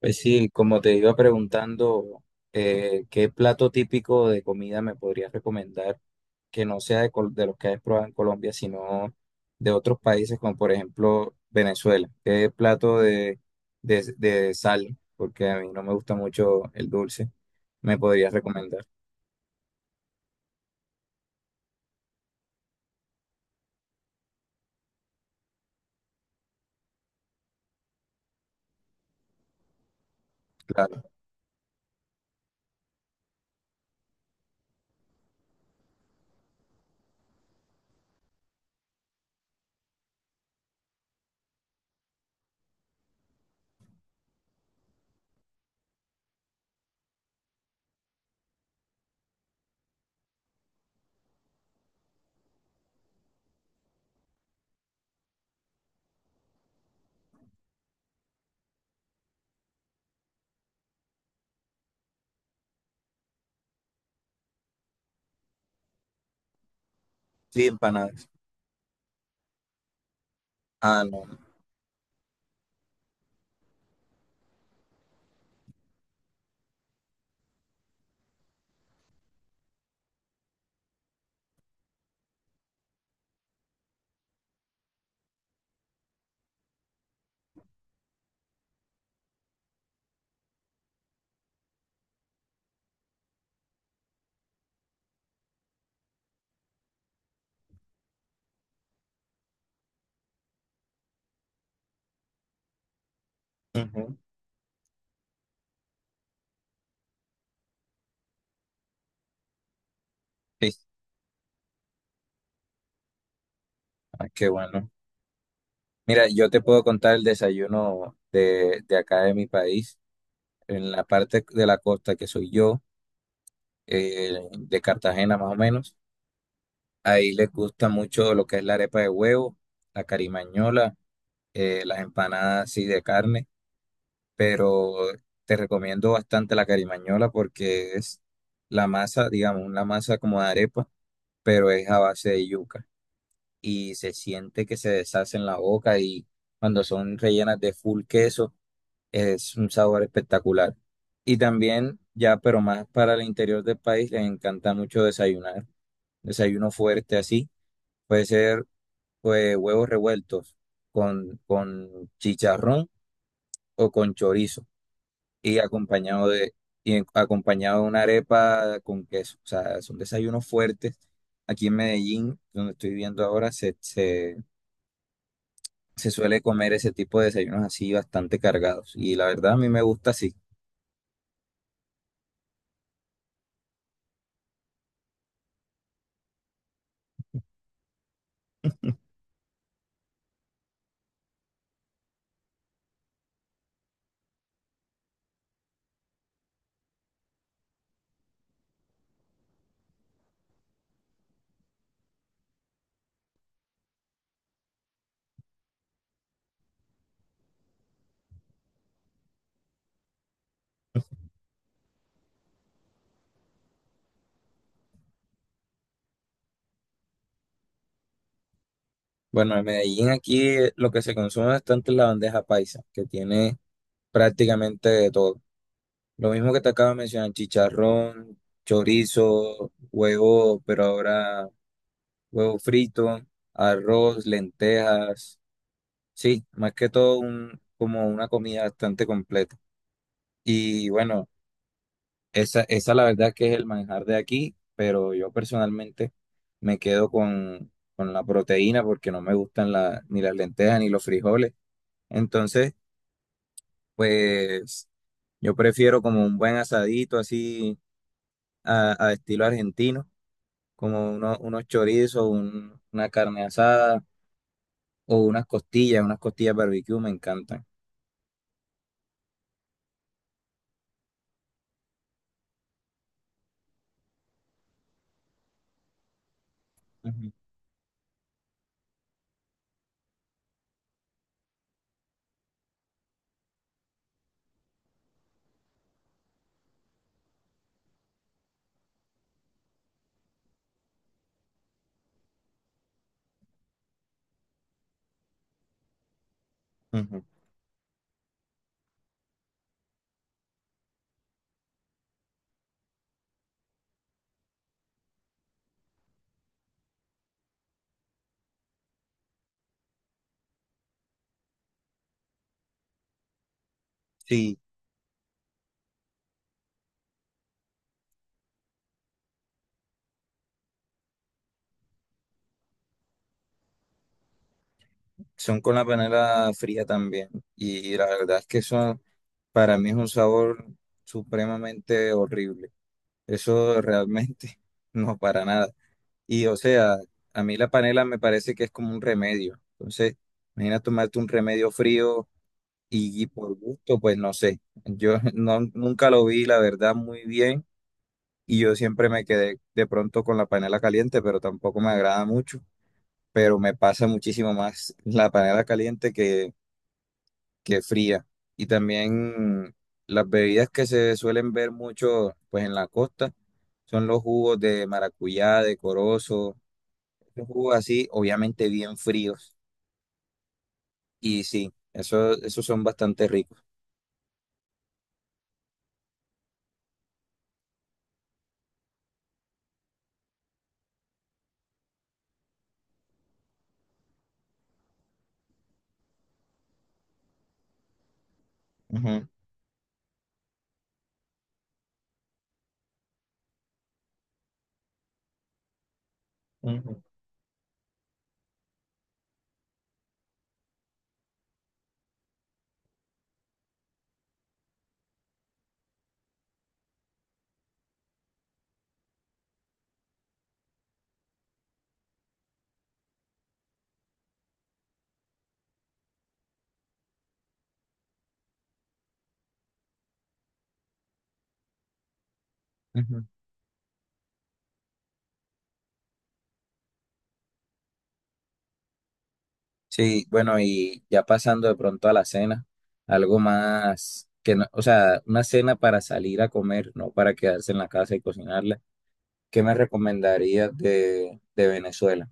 Pues sí, como te iba preguntando, ¿qué plato típico de comida me podrías recomendar que no sea de, de los que has probado en Colombia, sino de otros países como por ejemplo Venezuela? ¿Qué plato de sal, porque a mí no me gusta mucho el dulce, me podrías recomendar? Claro. Sí, empanadas. Ah, no. Ujú. Sí. Ah, qué bueno. Mira, yo te puedo contar el desayuno de acá de mi país, en la parte de la costa que soy yo. De Cartagena más o menos. Ahí les gusta mucho lo que es la arepa de huevo, la carimañola, las empanadas así de carne, pero te recomiendo bastante la carimañola porque es la masa, digamos, una masa como de arepa, pero es a base de yuca y se siente que se deshace en la boca y cuando son rellenas de full queso es un sabor espectacular. Y también ya, pero más para el interior del país, les encanta mucho desayunar. Desayuno fuerte así. Puede ser pues, huevos revueltos con chicharrón o con chorizo y acompañado de una arepa con queso. O sea, son desayunos fuertes. Aquí en Medellín, donde estoy viviendo ahora, se suele comer ese tipo de desayunos así bastante cargados. Y la verdad a mí me gusta así. Bueno, en Medellín aquí lo que se consume bastante es la bandeja paisa, que tiene prácticamente de todo. Lo mismo que te acabo de mencionar, chicharrón, chorizo, huevo, pero ahora huevo frito, arroz, lentejas. Sí, más que todo un, como una comida bastante completa. Y bueno, esa la verdad que es el manjar de aquí, pero yo personalmente me quedo con la proteína porque no me gustan ni las lentejas ni los frijoles. Entonces, pues yo prefiero como un buen asadito así a estilo argentino como unos chorizos, una carne asada o unas costillas barbecue me encantan. Ujú, ujú. Sí, son con la panela fría también. Y la verdad es que eso para mí es un sabor supremamente horrible. Eso realmente no para nada. Y o sea, a mí la panela me parece que es como un remedio. Entonces, imagina tomarte un remedio frío y por gusto, pues no sé. Yo no, nunca lo vi, la verdad, muy bien y yo siempre me quedé de pronto con la panela caliente, pero tampoco me agrada mucho, pero me pasa muchísimo más la panela caliente que fría. Y también las bebidas que se suelen ver mucho pues en la costa son los jugos de maracuyá, de corozo, los jugos así, obviamente bien fríos. Y sí, eso, esos son bastante ricos. Ujú, ujú, ujú. Sí, bueno, y ya pasando de pronto a la cena, algo más que no, o sea, una cena para salir a comer, no para quedarse en la casa y cocinarla. ¿Qué me recomendarías de Venezuela?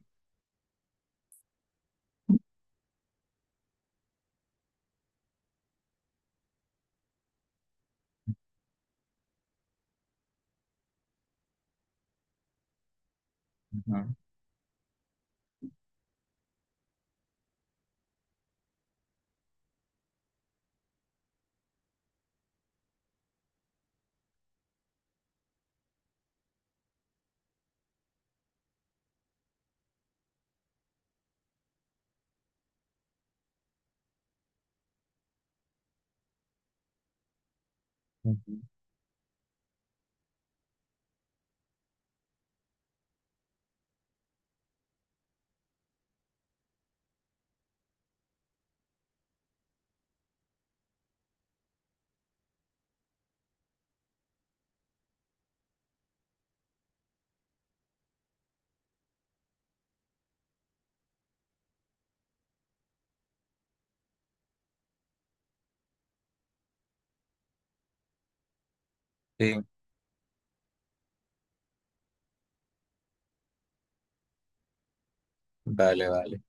Ujú, ujú. Sí, vale, vale.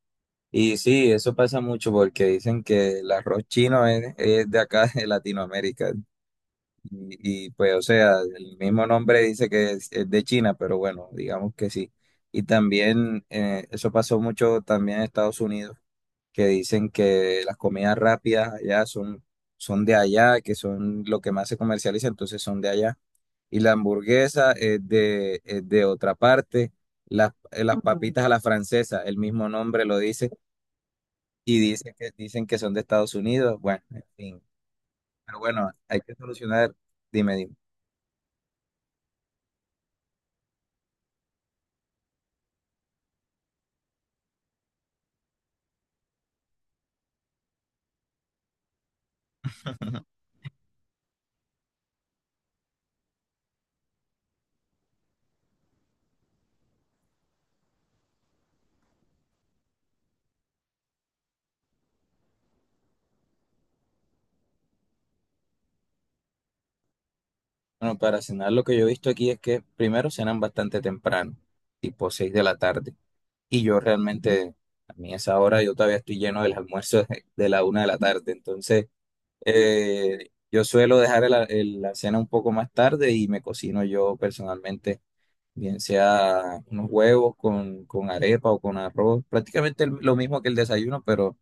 Y sí, eso pasa mucho porque dicen que el arroz chino es de acá, de Latinoamérica. Y, pues, o sea, el mismo nombre dice que es de China, pero bueno, digamos que sí. Y también eso pasó mucho también en Estados Unidos que dicen que las comidas rápidas allá son, son de allá, que son lo que más se comercializa, entonces son de allá. Y la hamburguesa es de otra parte. Las Ujú. Papitas a la francesa, el mismo nombre lo dice, y dice que, dicen que son de Estados Unidos. Bueno, en fin. Pero bueno, hay que solucionar. Dime, dime. Bueno, para cenar lo que yo he visto aquí es que primero cenan bastante temprano, tipo 6 de la tarde. Y yo realmente, a mí a esa hora yo todavía estoy lleno del almuerzo de la una de la tarde. Entonces, yo suelo dejar la cena un poco más tarde y me cocino yo personalmente, bien sea unos huevos con arepa o con arroz, prácticamente lo mismo que el desayuno, pero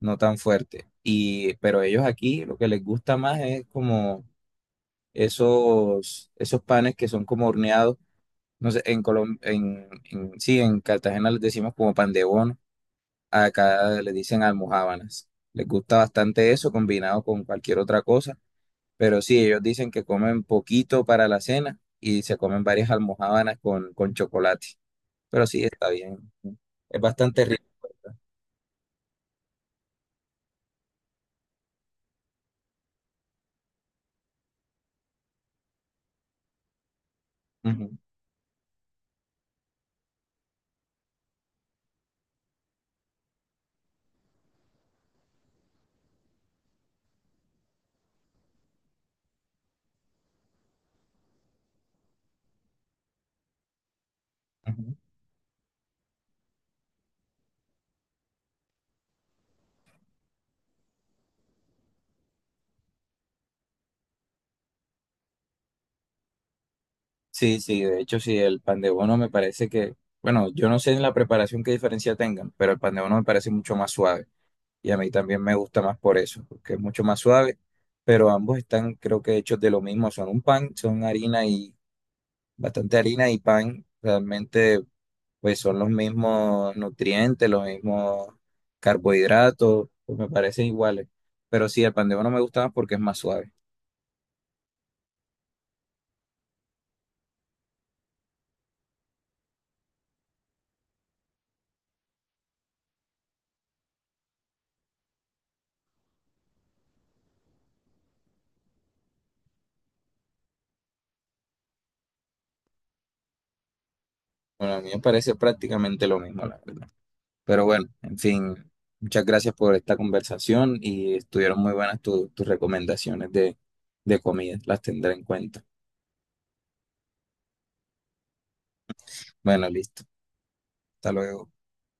no tan fuerte. Y, pero ellos aquí lo que les gusta más es como esos panes que son como horneados. No sé, en Colombia, sí, en Cartagena les decimos como pan de bono. Acá le dicen almojábanas. Les gusta bastante eso combinado con cualquier otra cosa, pero sí, ellos dicen que comen poquito para la cena y se comen varias almojábanas con chocolate. Pero sí, está bien. Es bastante rico. Ujú, ujú. Sí, sí, de hecho, sí, el pan de bono me parece que, bueno, yo no sé en la preparación qué diferencia tengan, pero el pan de bono me parece mucho más suave y a mí también me gusta más por eso, porque es mucho más suave, pero ambos están, creo que hechos de lo mismo, son un pan, son harina y bastante harina y pan realmente pues son los mismos nutrientes, los mismos carbohidratos, pues me parecen iguales. Pero sí, el pan de bono me gusta más porque es más suave. Bueno, a mí me parece prácticamente lo mismo, la verdad. Pero bueno, en fin, muchas gracias por esta conversación y estuvieron muy buenas tus recomendaciones de comida, las tendré en cuenta. Bueno, listo. Hasta luego.